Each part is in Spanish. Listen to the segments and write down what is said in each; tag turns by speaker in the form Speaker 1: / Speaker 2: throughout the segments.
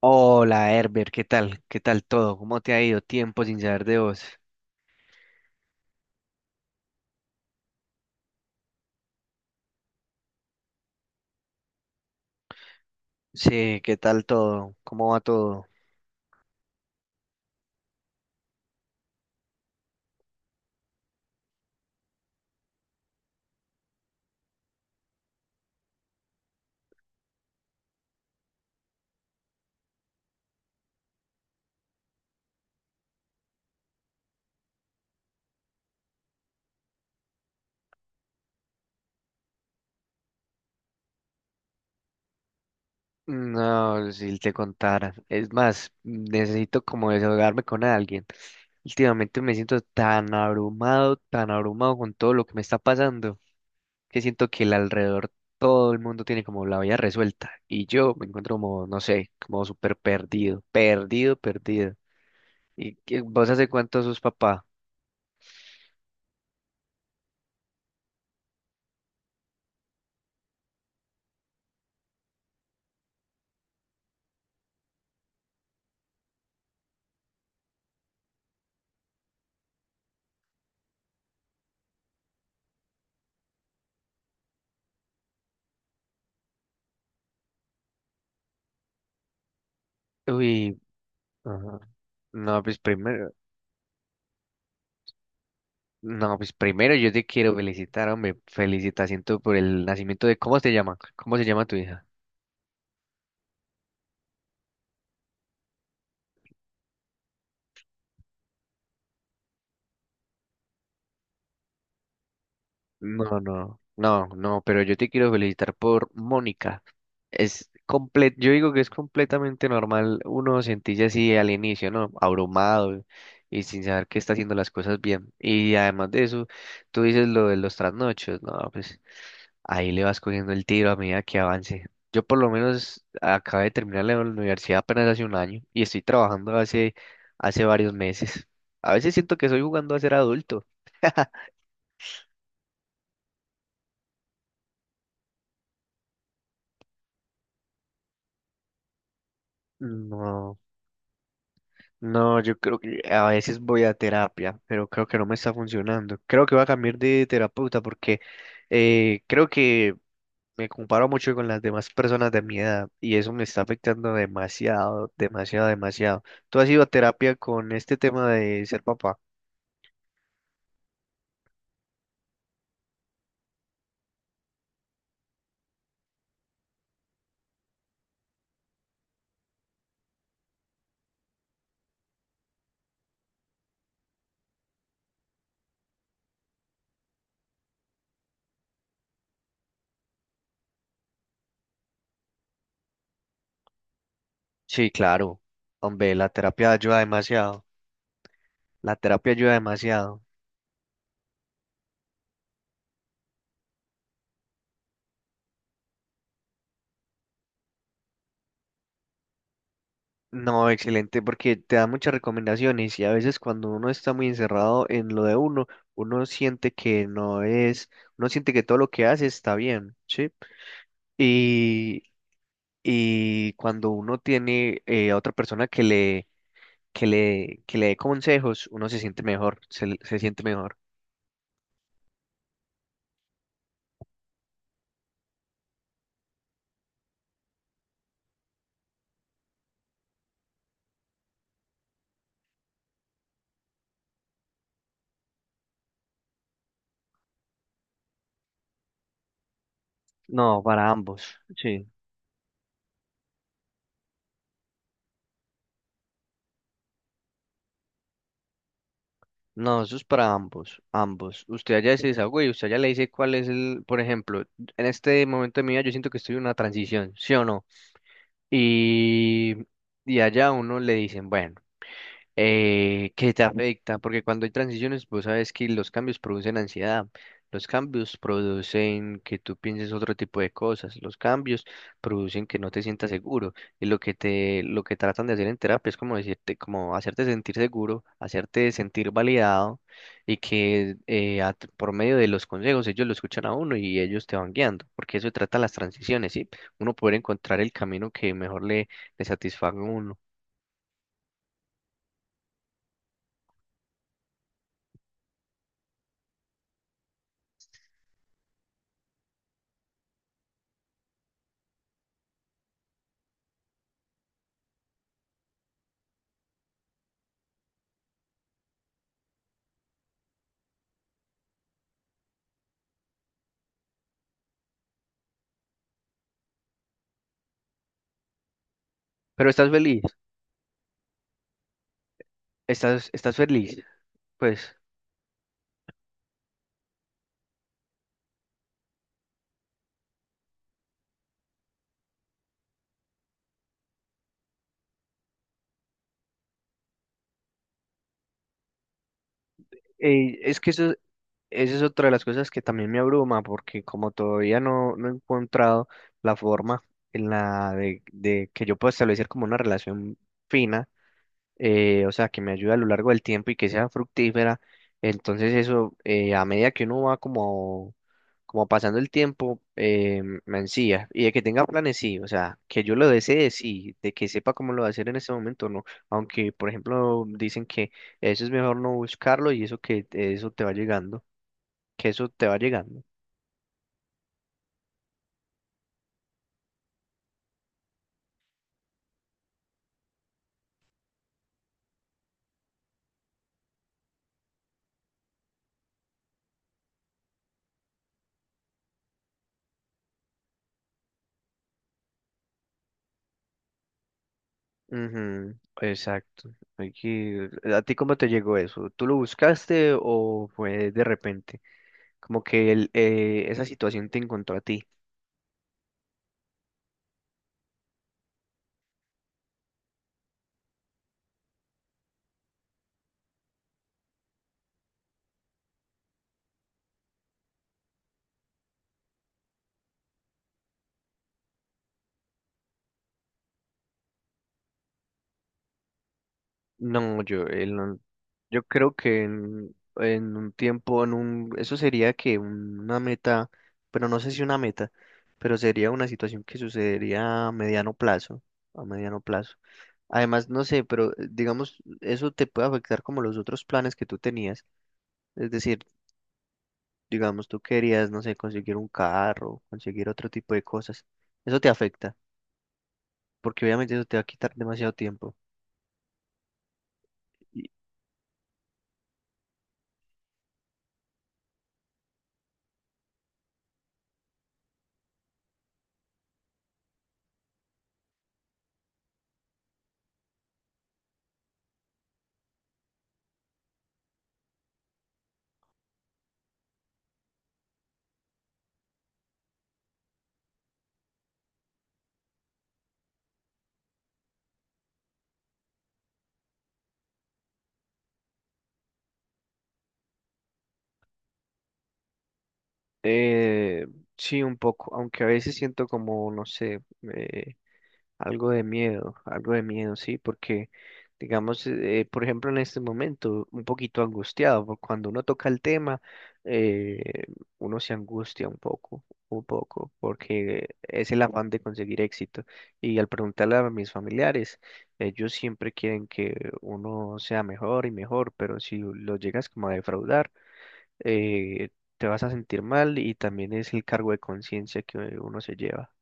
Speaker 1: Hola Herbert, ¿qué tal? ¿Qué tal todo? ¿Cómo te ha ido? Tiempo sin saber de vos. Sí, ¿qué tal todo? ¿Cómo va todo? No, si te contara. Es más, necesito como desahogarme con alguien. Últimamente me siento tan abrumado con todo lo que me está pasando, que siento que el alrededor todo el mundo tiene como la vida resuelta y yo me encuentro como, no sé, como súper perdido, perdido, perdido. ¿Y vos hace cuánto sos papá? Uy, ajá. No, pues primero, no, pues primero yo te quiero felicitar, hombre. Felicitación tú por el nacimiento de, ¿cómo se llama? ¿Cómo se llama tu hija? No, no, no, no, pero yo te quiero felicitar por Mónica. Es comple Yo digo que es completamente normal uno sentirse así al inicio, ¿no? Abrumado y sin saber que está haciendo las cosas bien. Y además de eso, tú dices lo de los trasnochos, no, pues. Ahí le vas cogiendo el tiro a medida que avance. Yo por lo menos acabé de terminar la universidad apenas hace un año y estoy trabajando hace varios meses. A veces siento que estoy jugando a ser adulto. No, no, yo creo que a veces voy a terapia, pero creo que no me está funcionando. Creo que voy a cambiar de terapeuta porque creo que me comparo mucho con las demás personas de mi edad y eso me está afectando demasiado, demasiado, demasiado. ¿Tú has ido a terapia con este tema de ser papá? Sí, claro. Hombre, la terapia ayuda demasiado. La terapia ayuda demasiado. No, excelente, porque te da muchas recomendaciones y a veces cuando uno está muy encerrado en lo de uno, uno siente que no es, uno siente que todo lo que hace está bien, ¿sí? Y, y cuando uno tiene a otra persona que le dé consejos, uno se siente mejor, se siente mejor. No, para ambos, sí. No, eso es para ambos, ambos. Usted allá se desahogó y usted allá le dice cuál es el, por ejemplo, en este momento de mi vida yo siento que estoy en una transición, ¿sí o no? Y, y allá a uno le dicen, bueno que te afecta, porque cuando hay transiciones, pues sabes que los cambios producen ansiedad, los cambios producen que tú pienses otro tipo de cosas, los cambios producen que no te sientas seguro, y lo que te, lo que tratan de hacer en terapia es como decirte, como hacerte sentir seguro, hacerte sentir validado, y que por medio de los consejos ellos lo escuchan a uno y ellos te van guiando, porque eso trata las transiciones, ¿sí? Uno poder encontrar el camino que mejor le satisfaga a uno. Pero estás feliz. Estás feliz. Pues eh, es que eso, esa es otra de las cosas que también me abruma, porque como todavía no he encontrado la forma en de que yo pueda establecer como una relación fina. O sea, que me ayude a lo largo del tiempo y que sea fructífera. Entonces eso, a medida que uno va como pasando el tiempo, me ansía. Y de que tenga planes, sí, o sea, que yo lo desee, sí, de que sepa cómo lo va a hacer en ese momento, no. Aunque, por ejemplo, dicen que eso es mejor no buscarlo y eso que eso te va llegando, que eso te va llegando. Ujú, exacto. ¿A ti cómo te llegó eso? ¿Tú lo buscaste o fue de repente? Como que él, esa situación te encontró a ti. No, yo, él no- Yo creo que en un tiempo, eso sería una meta, pero no sé si una meta, pero sería una situación que sucedería a mediano plazo, a mediano plazo. Además, no sé, pero digamos, eso te puede afectar como los otros planes que tú tenías. Es decir, digamos, tú querías, no sé, conseguir un carro, conseguir otro tipo de cosas. Eso te afecta, porque obviamente eso te va a quitar demasiado tiempo. Eh, sí, un poco, aunque a veces siento como, no sé, eh, algo de miedo, sí, porque, digamos, por ejemplo, en este momento, un poquito angustiado, porque cuando uno toca el tema, eh, uno se angustia un poco, porque es el afán de conseguir éxito. Y al preguntarle a mis familiares, ellos siempre quieren que uno sea mejor y mejor, pero si lo llegas como a defraudar, eh, te vas a sentir mal y también es el cargo de conciencia que uno se lleva.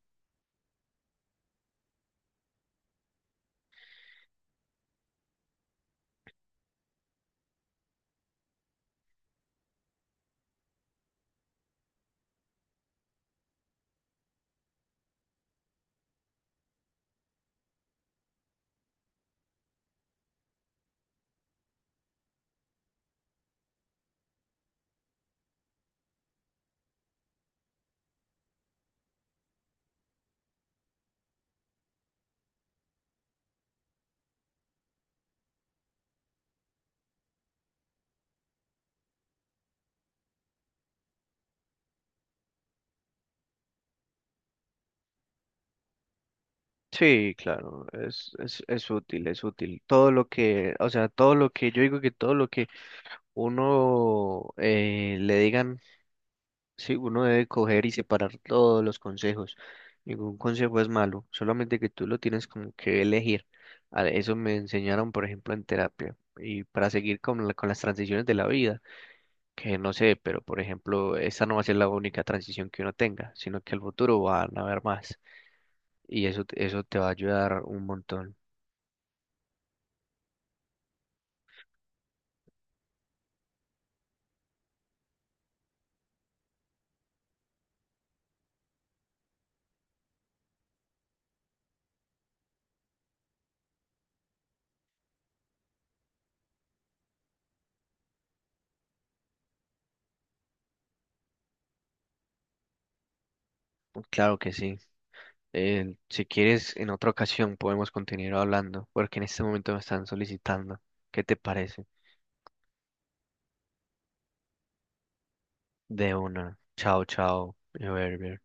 Speaker 1: Sí, claro, es útil, es útil. O sea, yo digo que todo lo que uno le digan, sí, uno debe coger y separar todos los consejos. Ningún consejo es malo, solamente que tú lo tienes como que elegir. Eso me enseñaron, por ejemplo, en terapia y para seguir con las transiciones de la vida. Que no sé, pero por ejemplo, esta no va a ser la única transición que uno tenga, sino que al futuro van a haber más y eso te va a ayudar un montón. Claro que sí. Si quieres, en otra ocasión podemos continuar hablando, porque en este momento me están solicitando. ¿Qué te parece? De una. Chao, chao. Berber.